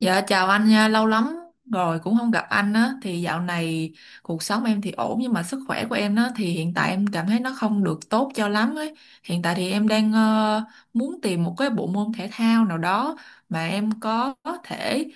Dạ chào anh nha, lâu lắm rồi cũng không gặp anh á, thì dạo này cuộc sống em thì ổn, nhưng mà sức khỏe của em á thì hiện tại em cảm thấy nó không được tốt cho lắm ấy. Hiện tại thì em đang muốn tìm một cái bộ môn thể thao nào đó mà em thể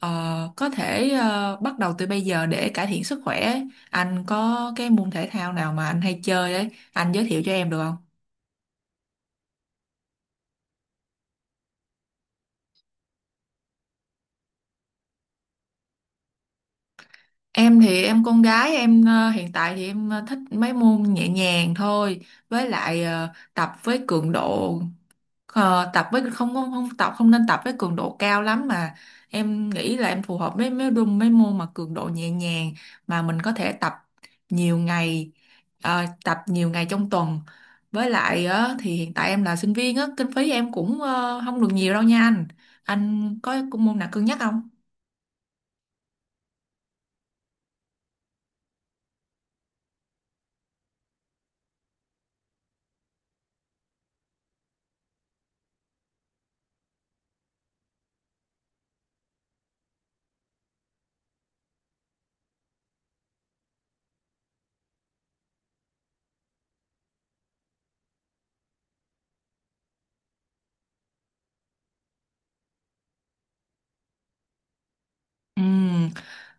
ờ, có thể bắt đầu từ bây giờ để cải thiện sức khỏe ấy. Anh có cái môn thể thao nào mà anh hay chơi ấy, anh giới thiệu cho em được không? Em thì em con gái em, hiện tại thì em thích mấy môn nhẹ nhàng thôi, với lại tập với cường độ tập với không, không không tập không nên tập với cường độ cao lắm, mà em nghĩ là em phù hợp với mấy đúng mấy môn mà cường độ nhẹ nhàng mà mình có thể tập nhiều ngày, tập nhiều ngày trong tuần, với lại thì hiện tại em là sinh viên á, kinh phí em cũng không được nhiều đâu nha anh. Anh có môn nào cân nhắc không? Ừ.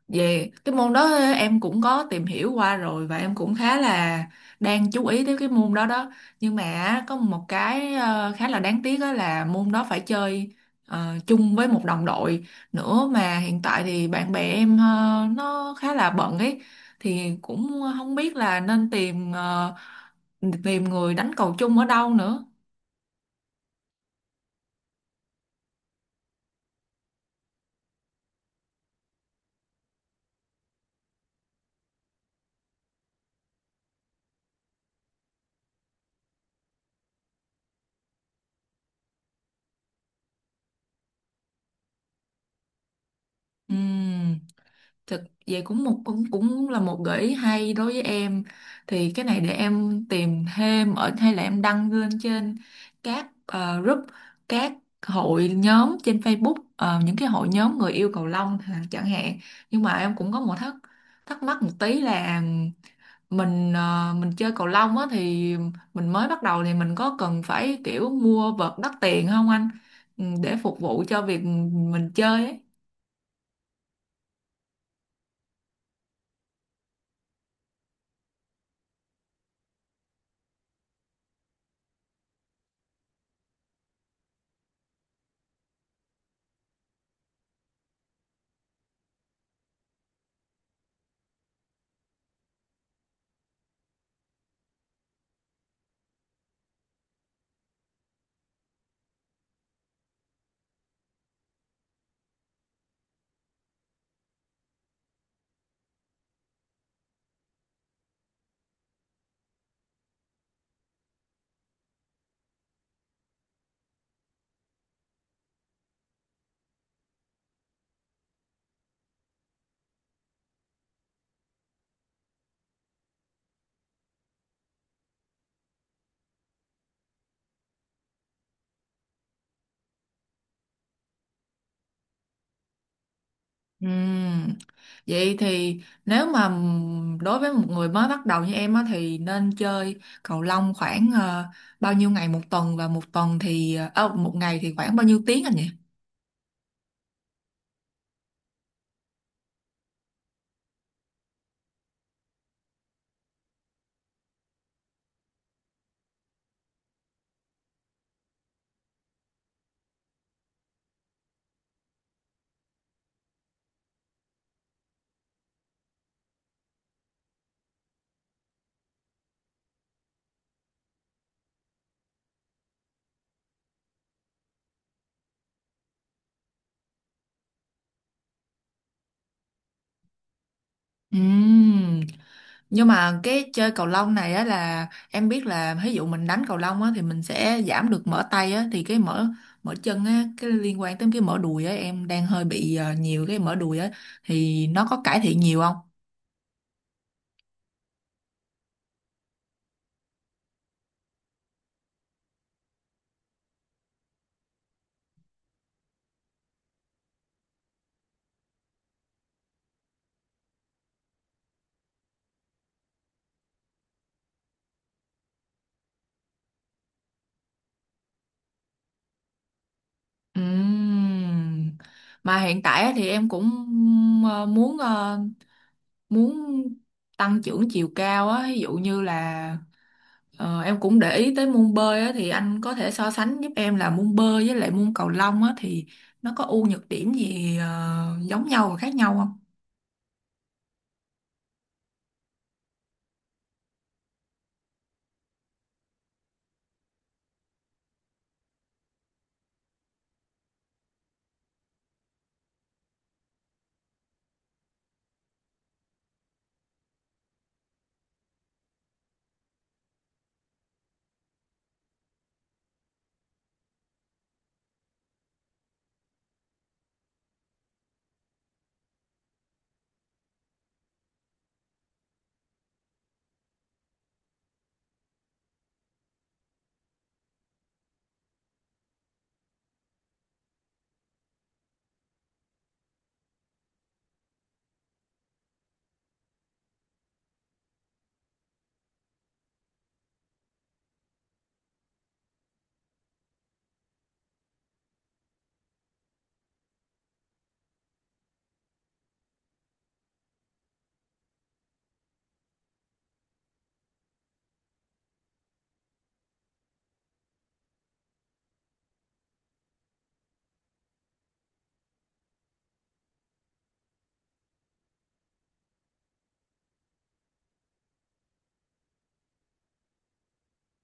Về cái môn đó em cũng có tìm hiểu qua rồi và em cũng khá là đang chú ý tới cái môn đó đó. Nhưng mà á, có một cái khá là đáng tiếc đó là môn đó phải chơi chung với một đồng đội nữa, mà hiện tại thì bạn bè em nó khá là bận ấy, thì cũng không biết là nên tìm người đánh cầu chung ở đâu nữa. Ừm. Thực vậy, cũng là một gợi ý hay đối với em, thì cái này để em tìm thêm ở hay là em đăng lên trên các group, các hội nhóm trên Facebook, những cái hội nhóm người yêu cầu lông chẳng hạn. Nhưng mà em cũng có một thắc thắc mắc một tí là mình mình chơi cầu lông á thì mình mới bắt đầu thì mình có cần phải kiểu mua vợt đắt tiền không anh? Ừ, để phục vụ cho việc mình chơi ấy. Ừm, Vậy thì nếu mà đối với một người mới bắt đầu như em á thì nên chơi cầu lông khoảng bao nhiêu ngày một tuần, và một tuần thì một ngày thì khoảng bao nhiêu tiếng anh nhỉ? Ừm, Nhưng mà cái chơi cầu lông này á là em biết là ví dụ mình đánh cầu lông á thì mình sẽ giảm được mỡ tay á, thì cái mỡ mỡ chân á, cái liên quan tới cái mỡ đùi á, em đang hơi bị nhiều cái mỡ đùi á, thì nó có cải thiện nhiều không? Ừm. Mà hiện tại á thì em cũng ờ, muốn ờ, muốn tăng trưởng chiều cao á, ví dụ như là em cũng để ý tới môn bơi á, thì anh có thể so sánh giúp em là môn bơi với lại môn cầu lông á thì nó có ưu nhược điểm gì giống nhau và khác nhau không?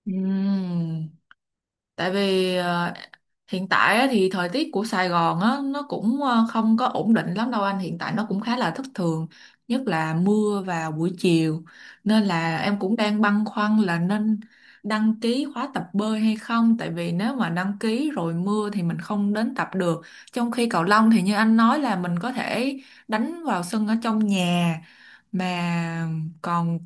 Ừm. Tại vì hiện tại á thì thời tiết của Sài Gòn á nó cũng không có ổn định lắm đâu anh, hiện tại nó cũng khá là thất thường, nhất là mưa vào buổi chiều, nên là em cũng đang băn khoăn là nên đăng ký khóa tập bơi hay không, tại vì nếu mà đăng ký rồi mưa thì mình không đến tập được, trong khi cầu lông thì như anh nói là mình có thể đánh vào sân ở trong nhà, mà còn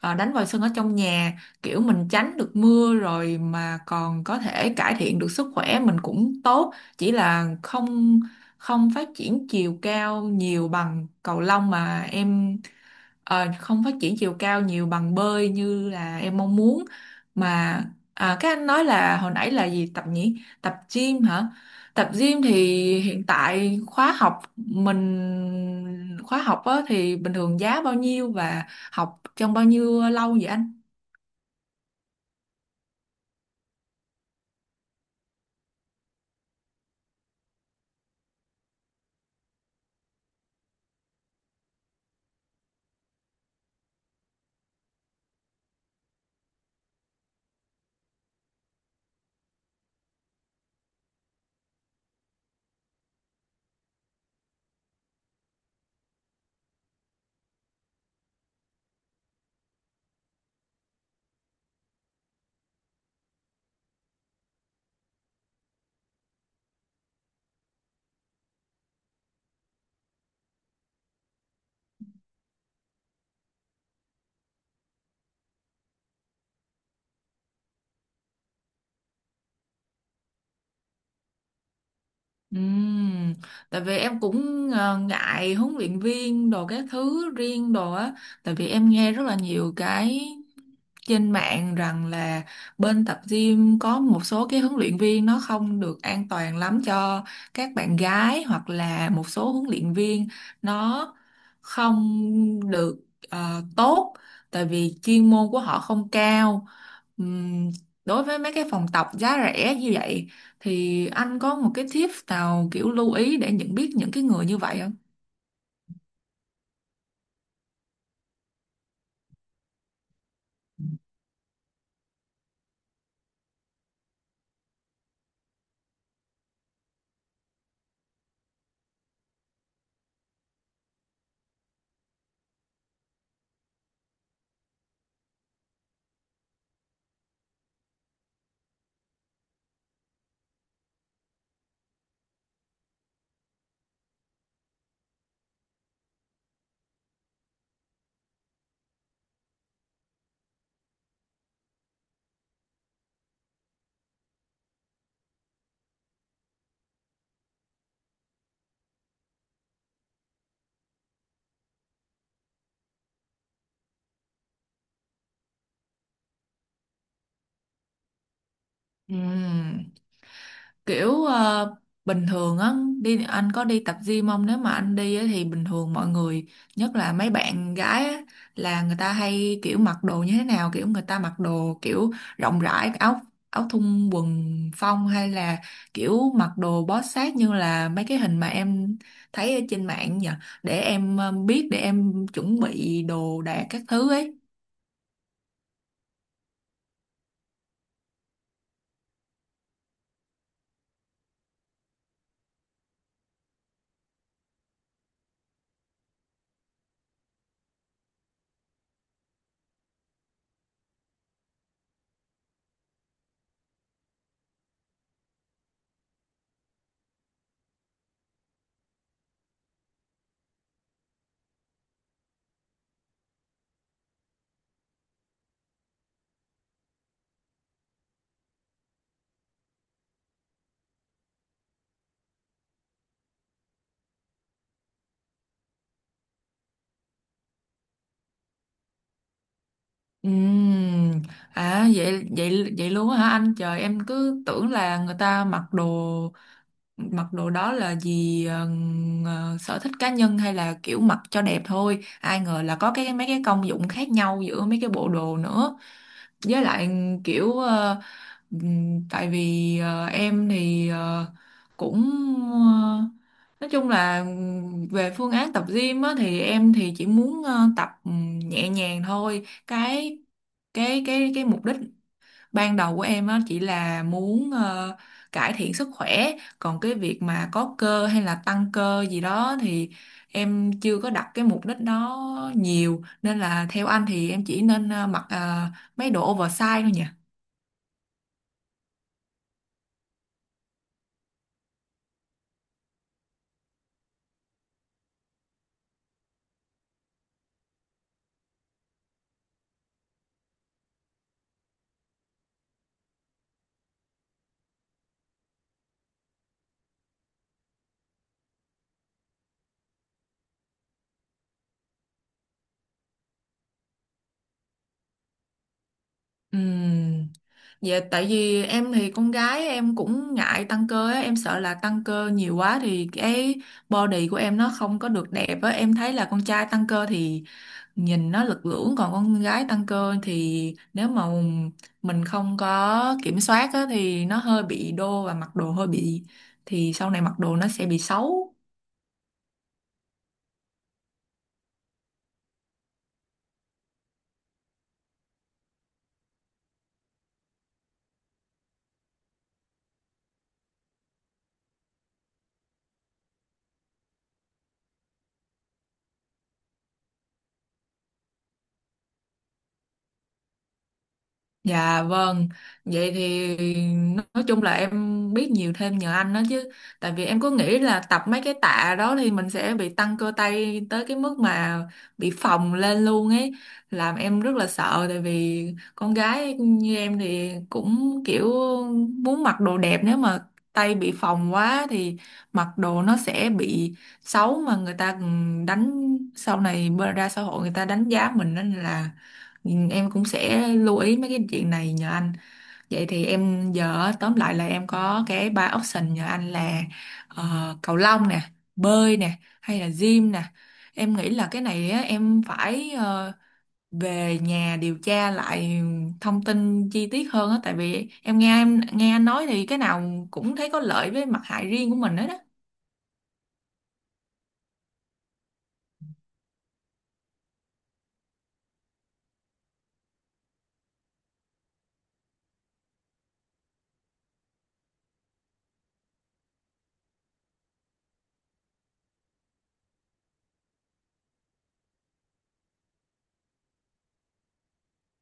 đánh vòi sân ở trong nhà, kiểu mình tránh được mưa rồi mà còn có thể cải thiện được sức khỏe mình cũng tốt, chỉ là không không phát triển chiều cao nhiều bằng cầu lông mà em không phát triển chiều cao nhiều bằng bơi như là em mong muốn. Mà à, các anh nói là hồi nãy là gì tập nhỉ, tập gym hả, tập gym thì hiện tại khóa học mình khóa học á, thì bình thường giá bao nhiêu và học trong bao nhiêu lâu vậy anh? Ừm, tại vì em cũng ngại huấn luyện viên đồ các thứ riêng đồ á, tại vì em nghe rất là nhiều cái trên mạng rằng là bên tập gym có một số cái huấn luyện viên nó không được an toàn lắm cho các bạn gái, hoặc là một số huấn luyện viên nó không được tốt tại vì chuyên môn của họ không cao. Ừm, đối với mấy cái phòng tập giá rẻ như vậy thì anh có một cái tip nào kiểu lưu ý để nhận biết những cái người như vậy không? Ừm. Kiểu bình thường á, đi anh có đi tập gym không, nếu mà anh đi á, thì bình thường mọi người, nhất là mấy bạn gái á, là người ta hay kiểu mặc đồ như thế nào, kiểu người ta mặc đồ kiểu rộng rãi, áo áo thun quần phong, hay là kiểu mặc đồ bó sát như là mấy cái hình mà em thấy ở trên mạng nhỉ, để em biết để em chuẩn bị đồ đạc các thứ ấy. Ừm, à vậy vậy vậy luôn á hả anh? Trời, em cứ tưởng là người ta mặc đồ đó là gì sở thích cá nhân hay là kiểu mặc cho đẹp thôi, ai ngờ là có cái mấy cái công dụng khác nhau giữa mấy cái bộ đồ nữa. Với lại kiểu tại vì em thì cũng ờ, nói chung là về phương án tập gym á, thì em thì chỉ muốn tập nhẹ nhàng thôi, cái mục đích ban đầu của em á chỉ là muốn cải thiện sức khỏe, còn cái việc mà có cơ hay là tăng cơ gì đó thì em chưa có đặt cái mục đích đó nhiều, nên là theo anh thì em chỉ nên mặc mấy đồ oversize thôi nhỉ? Ừm, vậy tại vì em thì con gái em cũng ngại tăng cơ á, em sợ là tăng cơ nhiều quá thì cái body của em nó không có được đẹp á, em thấy là con trai tăng cơ thì nhìn nó lực lưỡng, còn con gái tăng cơ thì nếu mà mình không có kiểm soát á, thì nó hơi bị đô và mặc đồ hơi bị, thì sau này mặc đồ nó sẽ bị xấu. Dạ vâng, vậy thì nói chung là em biết nhiều thêm nhờ anh đó chứ. Tại vì em cứ nghĩ là tập mấy cái tạ đó thì mình sẽ bị tăng cơ tay tới cái mức mà bị phồng lên luôn ấy. Làm em rất là sợ, tại vì con gái như em thì cũng kiểu muốn mặc đồ đẹp, nếu mà tay bị phồng quá thì mặc đồ nó sẽ bị xấu mà người ta đánh sau này ra xã hội người ta đánh giá mình, nên là ừ, em cũng sẽ lưu ý mấy cái chuyện này nhờ anh. Vậy thì em giờ á, tóm lại là em có cái ba option nhờ anh là ờ, cầu lông nè, bơi nè, hay là gym nè. Em nghĩ là cái này á, em phải về nhà điều tra lại thông tin chi tiết hơn á, tại vì em nghe anh nói thì cái nào cũng thấy có lợi với mặt hại riêng của mình hết đó.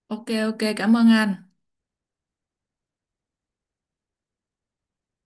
Ok ok, cảm ơn anh.